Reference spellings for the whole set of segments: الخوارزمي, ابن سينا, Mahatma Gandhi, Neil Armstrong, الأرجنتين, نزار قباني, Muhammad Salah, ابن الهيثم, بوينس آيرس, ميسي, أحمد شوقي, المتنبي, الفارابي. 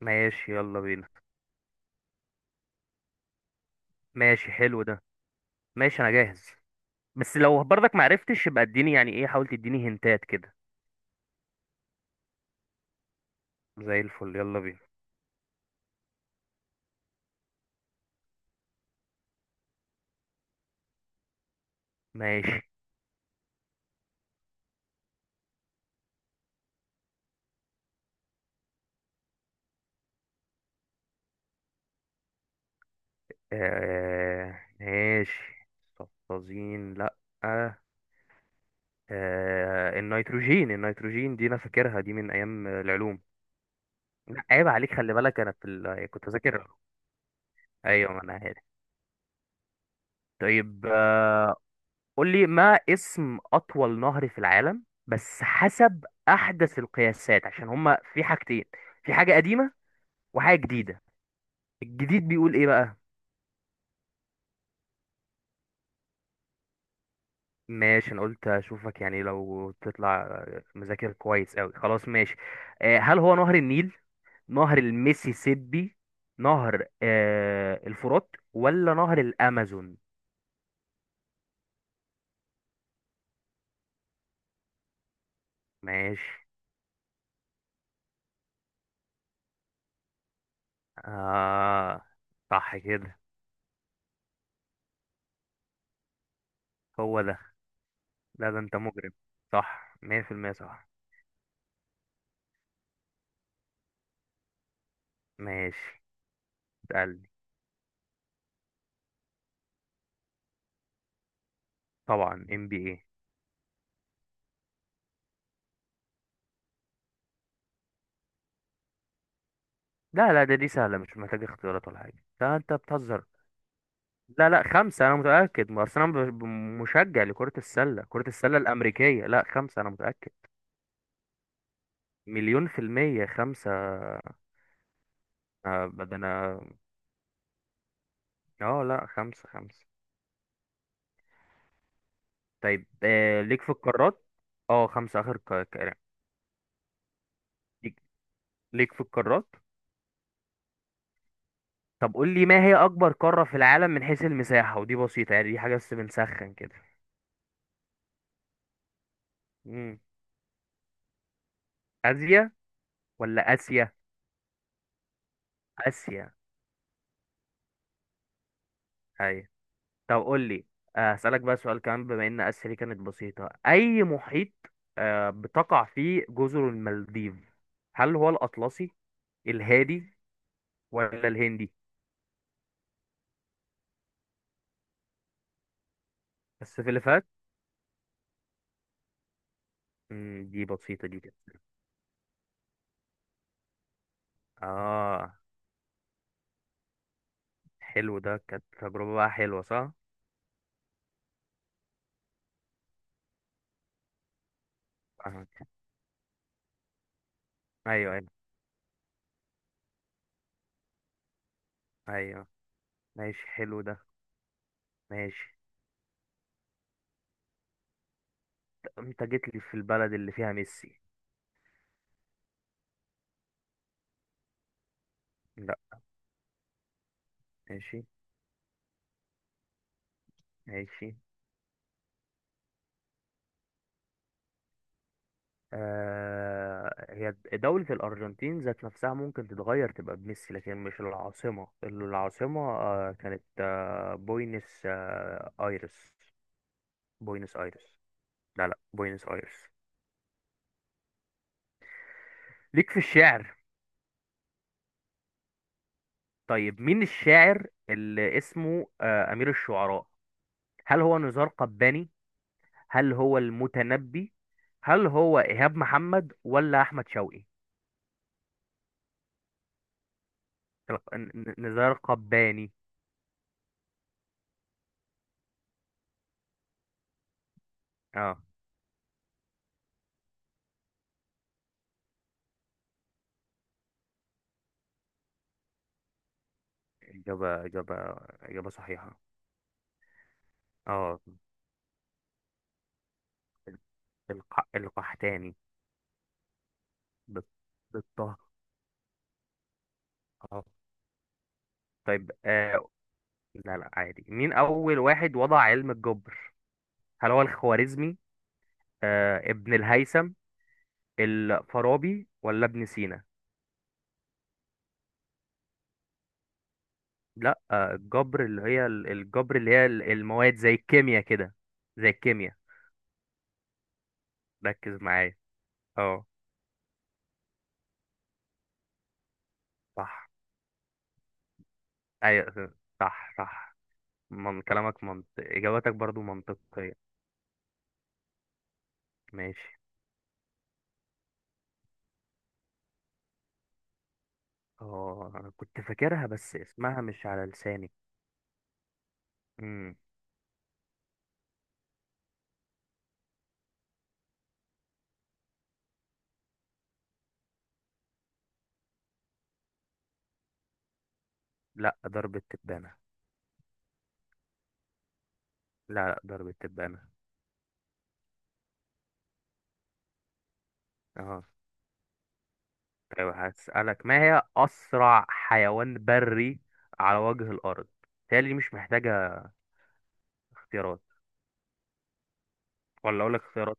ماشي، يلا بينا. ماشي، حلو ده. ماشي، انا جاهز. بس لو برضك معرفتش يبقى اديني يعني ايه، حاول تديني هنتات كده. زي الفل، يلا بينا. ماشي، ماشي. صفازين، لا. آه. النيتروجين دي انا فاكرها دي من ايام العلوم. لا، عيب عليك، خلي بالك انا كنت اذاكر. ايوه، ما انا عارف. طيب، قول لي ما اسم أطول نهر في العالم، بس حسب أحدث القياسات عشان هما في حاجتين. في حاجة قديمة وحاجة جديدة. الجديد بيقول إيه بقى؟ ماشي، أنا قلت أشوفك يعني لو تطلع مذاكر كويس أوي، خلاص، ماشي. هل هو نهر النيل، نهر الميسيسيبي، نهر الفرات، ولا نهر الأمازون؟ ماشي. آه، صح كده. هو ده. لا، ده أنت مجرم. صح، 100% صح. ماشي. قال لي. طبعا، ام بي اي. لا، لا، ده دي سهله، مش محتاجه اختيارات ولا حاجه، لا انت بتهزر. لا، لا، خمسه انا متاكد، ما اصل انا مشجع لكره السله كره السله الامريكيه، لا خمسه انا متاكد. مليون في الميه، خمسه. ده انا. اه، لا، خمسه، خمسه. طيب، ليك في القارات. اه، خمسه، اخر كلام. ليك ليك في القارات. طب قول لي ما هي اكبر قاره في العالم من حيث المساحه؟ ودي بسيطه يعني، دي حاجه بس بنسخن كده. امم اسيا ولا اسيا؟ اسيا، ايوه. طب قول لي، هسألك بقى سؤال كمان. بما ان اسيا دي كانت بسيطة، اي محيط بتقع فيه جزر المالديف؟ هل هو الاطلسي، الهادي، ولا الهندي؟ السلفات. دي بسيطة دي كده. اه، حلو ده، كانت تجربة بقى حلوة، صح؟ فاهمك. ايوه، ايوه، ايوه. ماشي، حلو ده. ماشي. انت جيت لي في البلد اللي فيها ميسي. لا. ماشي، ماشي. هي دولة الأرجنتين ذات نفسها ممكن تتغير تبقى بميسي، لكن مش العاصمة. العاصمة كانت بوينس آيرس. بوينس آيرس. لا، لا، بوينس آيرس. ليك في الشعر. طيب، مين الشاعر اللي اسمه أمير الشعراء؟ هل هو نزار قباني، هل هو المتنبي، هل هو إيهاب محمد، ولا أحمد شوقي؟ لا، نزار قباني. اه، إجابة. إجابة صحيحة. اه، القحتاني. بال- بالطه. اه. طيب، لا، لا، عادي، مين أول واحد وضع علم الجبر؟ هل هو الخوارزمي، ابن الهيثم، الفارابي، ولا ابن سينا؟ لا، الجبر اللي هي المواد زي الكيمياء كده. زي الكيمياء. ركز معايا. اه، صح. ايوه، صح، صح. من كلامك منطق، إجاباتك برضو منطقية. ماشي. اه، انا كنت فاكرها بس اسمها مش على لساني. لا، ضرب التبانة. لا، لا، ضرب التبانة. اه. طيب، هسألك ما هي أسرع حيوان بري على وجه الأرض؟ تالي مش محتاجة اختيارات، ولا أقول لك اختيارات؟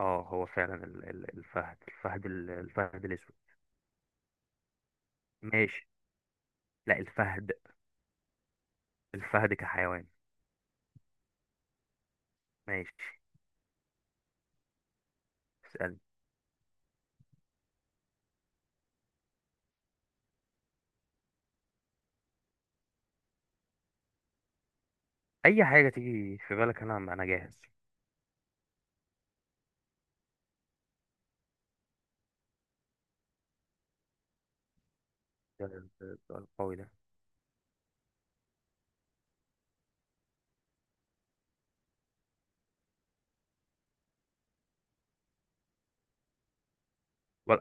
اه، هو فعلا الفهد، الفهد الأسود. ماشي. لا، الفهد. الفهد كحيوان. ماشي. اسألني. أي حاجة تيجي في بالك، أنا جاهز. ده السؤال القوي ده!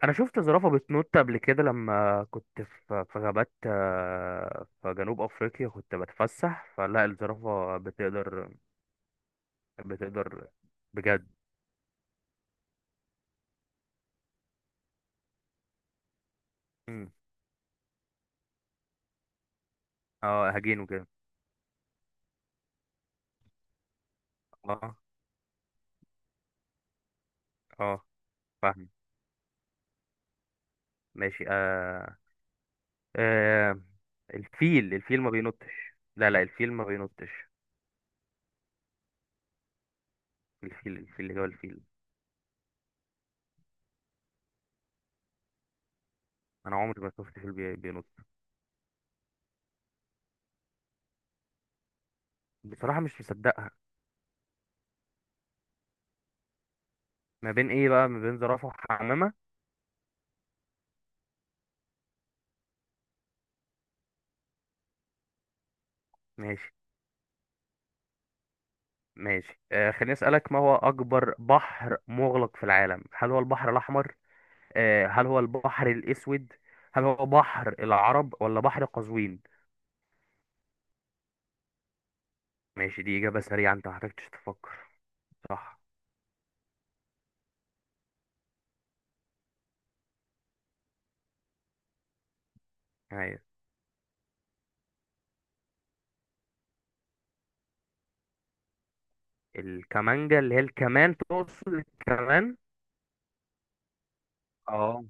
انا شفت زرافه بتنط قبل كده، لما كنت في غابات في جنوب افريقيا كنت بتفسح، فلا الزرافه بتقدر. بتقدر، بجد. مم. اه، هجين وكده. اه. اه. فاهم. ماشي. آه. الفيل ما بينطش، لا، لا، الفيل ما بينطش. الفيل الفيل اللي هو الفيل. انا عمري ما شفت فيل بينط. بصراحه مش مصدقها. ما بين ايه بقى؟ ما بين زرافه وحمامه. ماشي، ماشي، خليني أسألك ما هو أكبر بحر مغلق في العالم؟ هل هو البحر الأحمر، هل هو البحر الأسود، هل هو بحر العرب، ولا بحر قزوين؟ ماشي، دي إجابة سريعة أنت محتاجتش تفكر. صح. أيوة. الكمانجا اللي هي الكمان، تقصد الكمان. اه،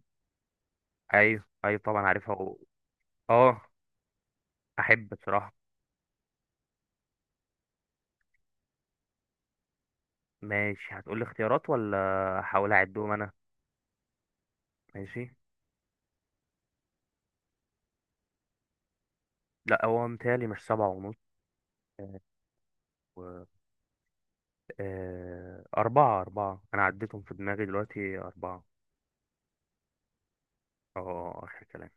أيوة، أيوة طبعا عارفها، اه، أحب بصراحة. ماشي، هتقولي اختيارات ولا؟ هحاول أعدهم أنا. ماشي. لا، هو متهيألي مش سبعة ونص. أربعة، أربعة، أنا عديتهم في دماغي دلوقتي، أربعة. أه، آخر كلام.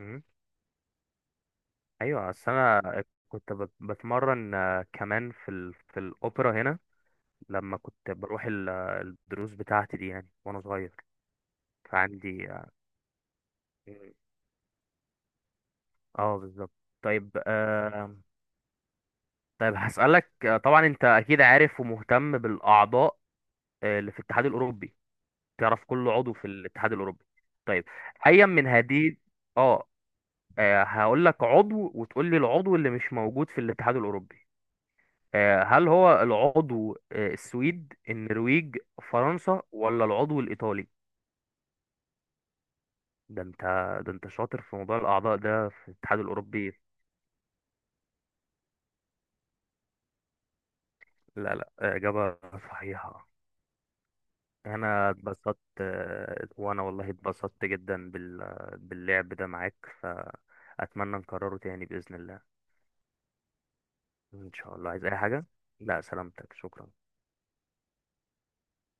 مم. أيوة، أصل أنا كنت بتمرن كمان في الأوبرا هنا، لما كنت بروح الدروس بتاعتي دي يعني وأنا صغير. فعندي، اه. مم. بالظبط. طيب، طيب هسألك، طبعا أنت أكيد عارف ومهتم بالأعضاء اللي في الاتحاد الأوروبي. تعرف كل عضو في الاتحاد الأوروبي؟ طيب، أيا من هذه. اه، هقول لك عضو وتقول لي العضو اللي مش موجود في الاتحاد الأوروبي. هل هو العضو السويد، النرويج، فرنسا، ولا العضو الإيطالي؟ ده انت، ده انت شاطر في موضوع الأعضاء ده في الاتحاد الأوروبي. لا، لا، إجابة صحيحة. أنا اتبسطت، وأنا والله اتبسطت جدا باللعب ده معاك، فأتمنى نكرره تاني بإذن الله. إن شاء الله، عايز أي حاجة؟ لا سلامتك، شكرا.